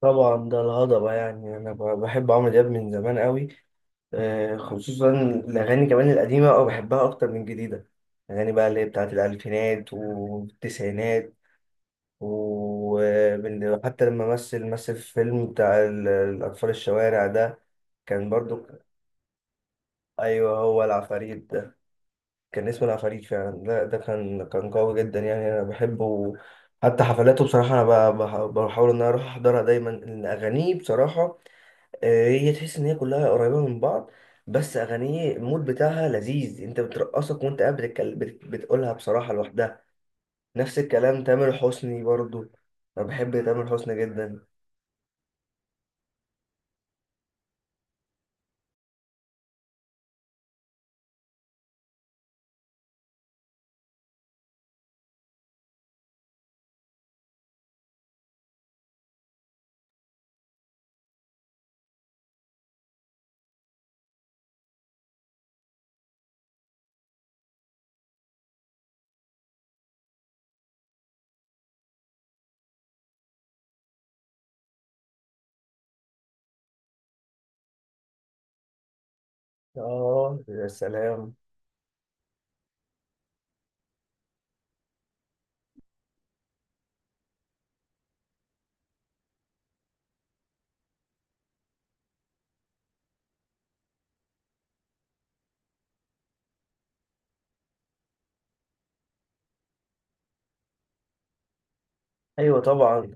طبعا ده الهضبة، يعني أنا بحب عمرو دياب من زمان قوي. خصوصا الأغاني كمان القديمة، أو بحبها أكتر من الجديدة. الأغاني بقى اللي هي بتاعت الألفينات والتسعينات. وحتى لما مثل في فيلم بتاع الأطفال الشوارع ده، كان برضو. أيوه هو العفاريت ده، كان اسمه العفاريت فعلا. لا ده كان قوي جدا، يعني أنا بحبه. حتى حفلاته بصراحة أنا بحاول إن أنا أروح أحضرها دايما، لأن أغانيه بصراحة، هي تحس ان هي كلها قريبه من بعض. بس اغانيه المود بتاعها لذيذ، انت بترقصك وانت قاعد بتتكلم، بتقولها بصراحه لوحدها. نفس الكلام تامر حسني برضو، انا بحب تامر حسني جدا. اه يا سلام. ايوه طبعا.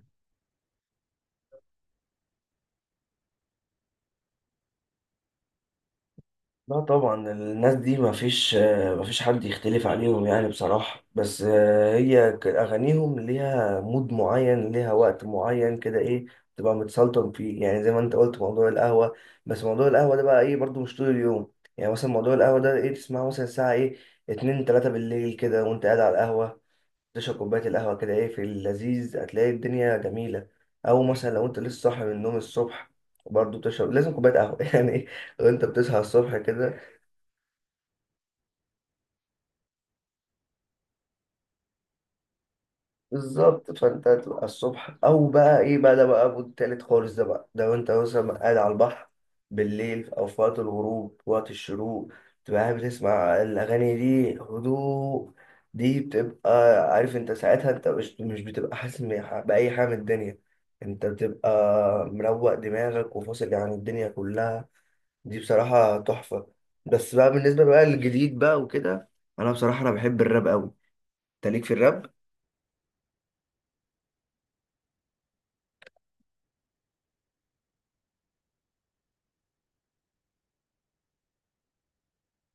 لا طبعا الناس دي ما فيش، ما فيش حد يختلف عليهم يعني بصراحة. بس هي أغانيهم ليها مود معين، ليها وقت معين كده، إيه، تبقى متسلطن فيه، يعني زي ما أنت قلت موضوع القهوة. بس موضوع القهوة ده بقى إيه، برضو مش طول اليوم. يعني مثلا موضوع القهوة ده إيه، تسمعه مثلا الساعة إيه، اتنين تلاتة بالليل كده، وأنت قاعد على القهوة تشرب كوباية القهوة كده، إيه في اللذيذ، هتلاقي الدنيا جميلة. أو مثلا لو أنت لسه صاحي من النوم الصبح، برضه بتشرب لازم كوباية قهوة يعني إيه، وأنت بتصحى الصبح كده. بالظبط، فانت هتبقى الصبح او بقى ايه بقى، ده بقى مود تالت خالص. ده بقى لو انت مثلا قاعد على البحر بالليل، او في وقت الغروب، وقت الشروق، تبقى قاعد بتسمع الاغاني دي، هدوء، دي بتبقى، عارف انت ساعتها انت مش بتبقى حاسس باي حاجه من الدنيا، انت بتبقى مروق دماغك وفاصل عن الدنيا كلها. دي بصراحه تحفه. بس بقى بالنسبه بقى للجديد بقى وكده، انا بصراحه انا بحب الراب قوي. انت ليك في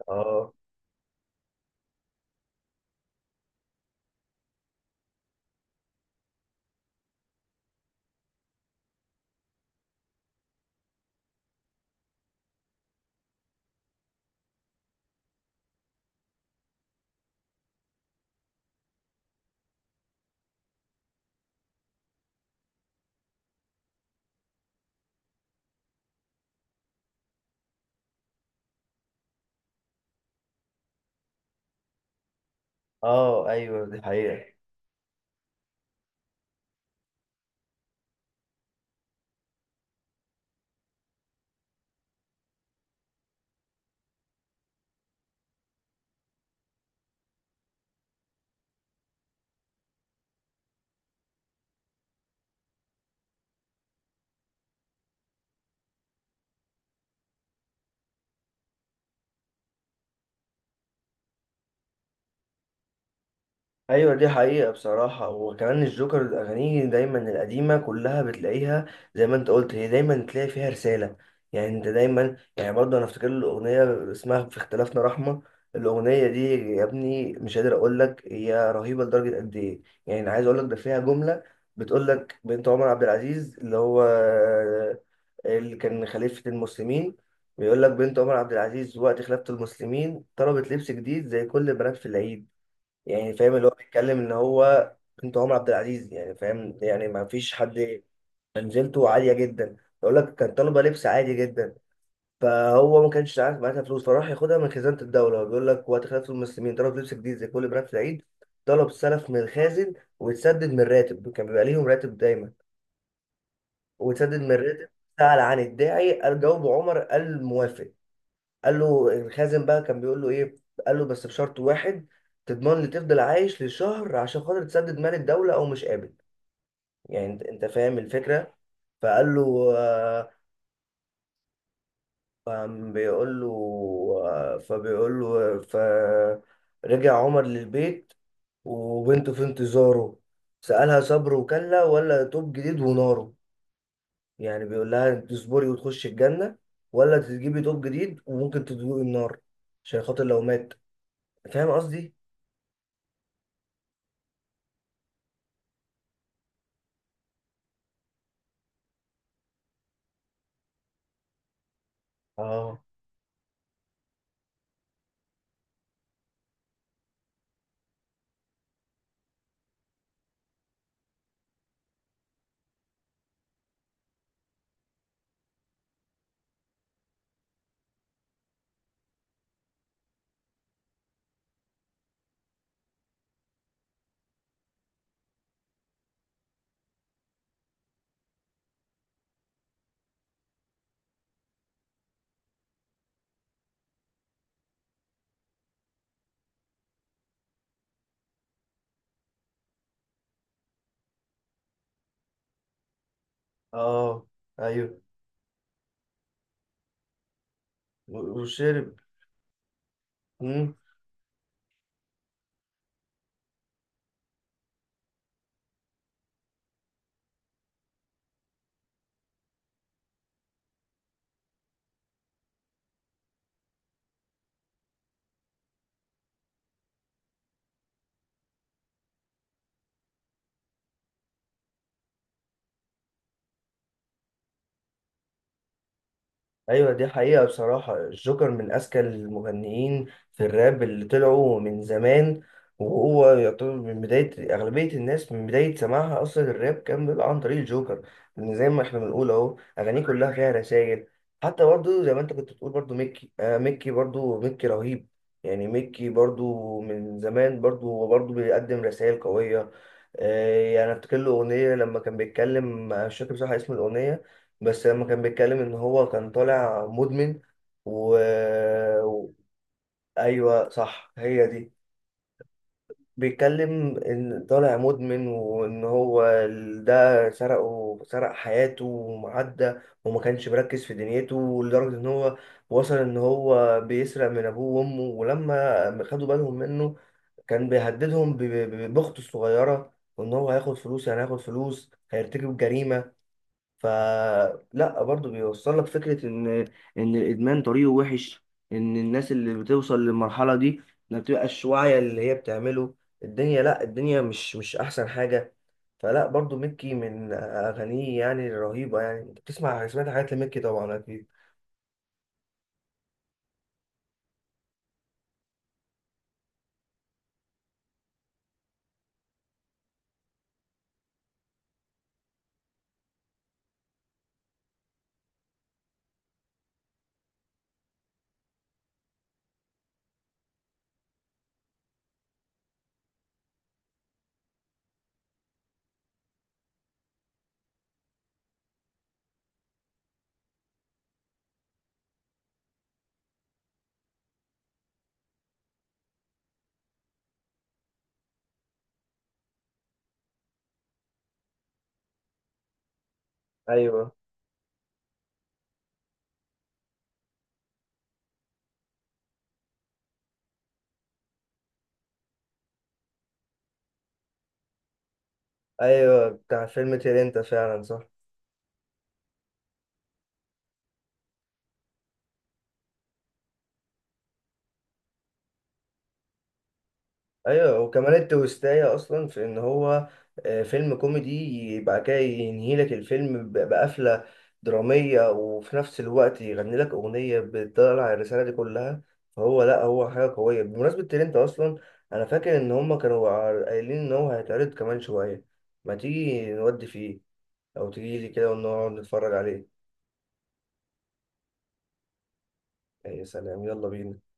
الراب؟ اه ايوه دي حقيقة. ايوه دي حقيقة بصراحة. وكمان الجوكر الاغاني دايما القديمة كلها بتلاقيها زي ما انت قلت، هي دايما تلاقي فيها رسالة. يعني انت دايما يعني برضه انا افتكر الاغنية اسمها في اختلافنا رحمة، الاغنية دي يا ابني مش قادر اقول لك هي رهيبة لدرجة قد ايه. يعني عايز اقول لك ده فيها جملة بتقول لك بنت عمر عبد العزيز اللي هو اللي كان خليفة المسلمين، بيقول لك بنت عمر عبد العزيز وقت خلافة المسلمين طلبت لبس جديد زي كل البنات في العيد. يعني فاهم اللي هو بيتكلم ان هو بنت عمر عبد العزيز، يعني فاهم، يعني ما فيش حد منزلته عالية جدا. بيقول لك كان طالبة لبس عادي جدا، فهو ما كانش عارف معاها فلوس، فراح ياخدها من خزانة الدولة. بيقول لك وقت خلافة المسلمين طلب لبس جديد زي كل البنات في العيد، طلب سلف من الخازن ويتسدد من الراتب، كان بيبقى ليهم راتب دايما، وسدد من الراتب. سأل عن الداعي، قال، جاوبه عمر، قال موافق. قال له الخازن بقى كان بيقول له ايه، قال له بس بشرط واحد، تضمن لي تفضل عايش لشهر عشان خاطر تسدد مال الدولة، او مش قابل. يعني انت انت فاهم الفكرة. فقال له فقام بيقول له، فبيقول له، فرجع عمر للبيت وبنته في انتظاره، سألها صبر وكلا ولا توب جديد ونار. يعني بيقول لها انت تصبري وتخشي الجنة، ولا تجيبي دوب جديد وممكن تدوقي النار عشان خاطر لو مات. فاهم قصدي؟ اه. اه ايوه. وشرب. مم. ايوه دي حقيقة بصراحة، الجوكر من اذكى المغنيين في الراب اللي طلعوا من زمان. وهو يعتبر من بداية أغلبية الناس، من بداية سماعها أصلا الراب كان بيبقى عن طريق الجوكر. لأن زي ما احنا بنقول أهو أغانيه كلها فيها رسائل. حتى برضو زي ما أنت كنت بتقول برضو ميكي، آه ميكي برضو، ميكي رهيب. يعني ميكي برضو من زمان برضو هو برضو بيقدم رسائل قوية. إيه، يعني افتكر له اغنيه لما كان بيتكلم، مش فاكر بصراحه اسم الاغنيه، بس لما كان بيتكلم ان هو كان طالع مدمن و... و... ايوه صح هي دي. بيتكلم ان طالع مدمن، وان هو ده سرقه، سرق حياته ومعدى، وما كانش مركز في دنيته لدرجه ان هو وصل ان هو بيسرق من ابوه وامه. ولما خدوا بالهم منه كان بيهددهم بأخته الصغيرة، وإن هو هياخد فلوس، يعني هياخد فلوس هيرتكب جريمة. فلا برضه بيوصل لك فكرة إن الإدمان طريقه وحش، إن الناس اللي بتوصل للمرحلة دي ما بتبقاش واعية اللي هي بتعمله. الدنيا، لا الدنيا مش أحسن حاجة. فلا برضه مكي من أغانيه يعني الرهيبة، يعني أنت بتسمع، سمعت حاجات لمكي طبعا أكيد. أيوه أيوه بتاع فيلم تير أنت فعلا صح. ايوه وكمان التويستاية اصلا في ان هو فيلم كوميدي، يبقى كده ينهي لك الفيلم بقفله دراميه، وفي نفس الوقت يغني لك اغنيه بتطلع الرساله دي كلها. فهو لا هو حاجه قويه. بمناسبه ترنت اصلا، انا فاكر ان هما كانوا قايلين ان هو هيتعرض كمان شويه، ما تيجي نودي فيه او تيجي لي كده ونقعد نتفرج عليه. يا سلام يلا بينا.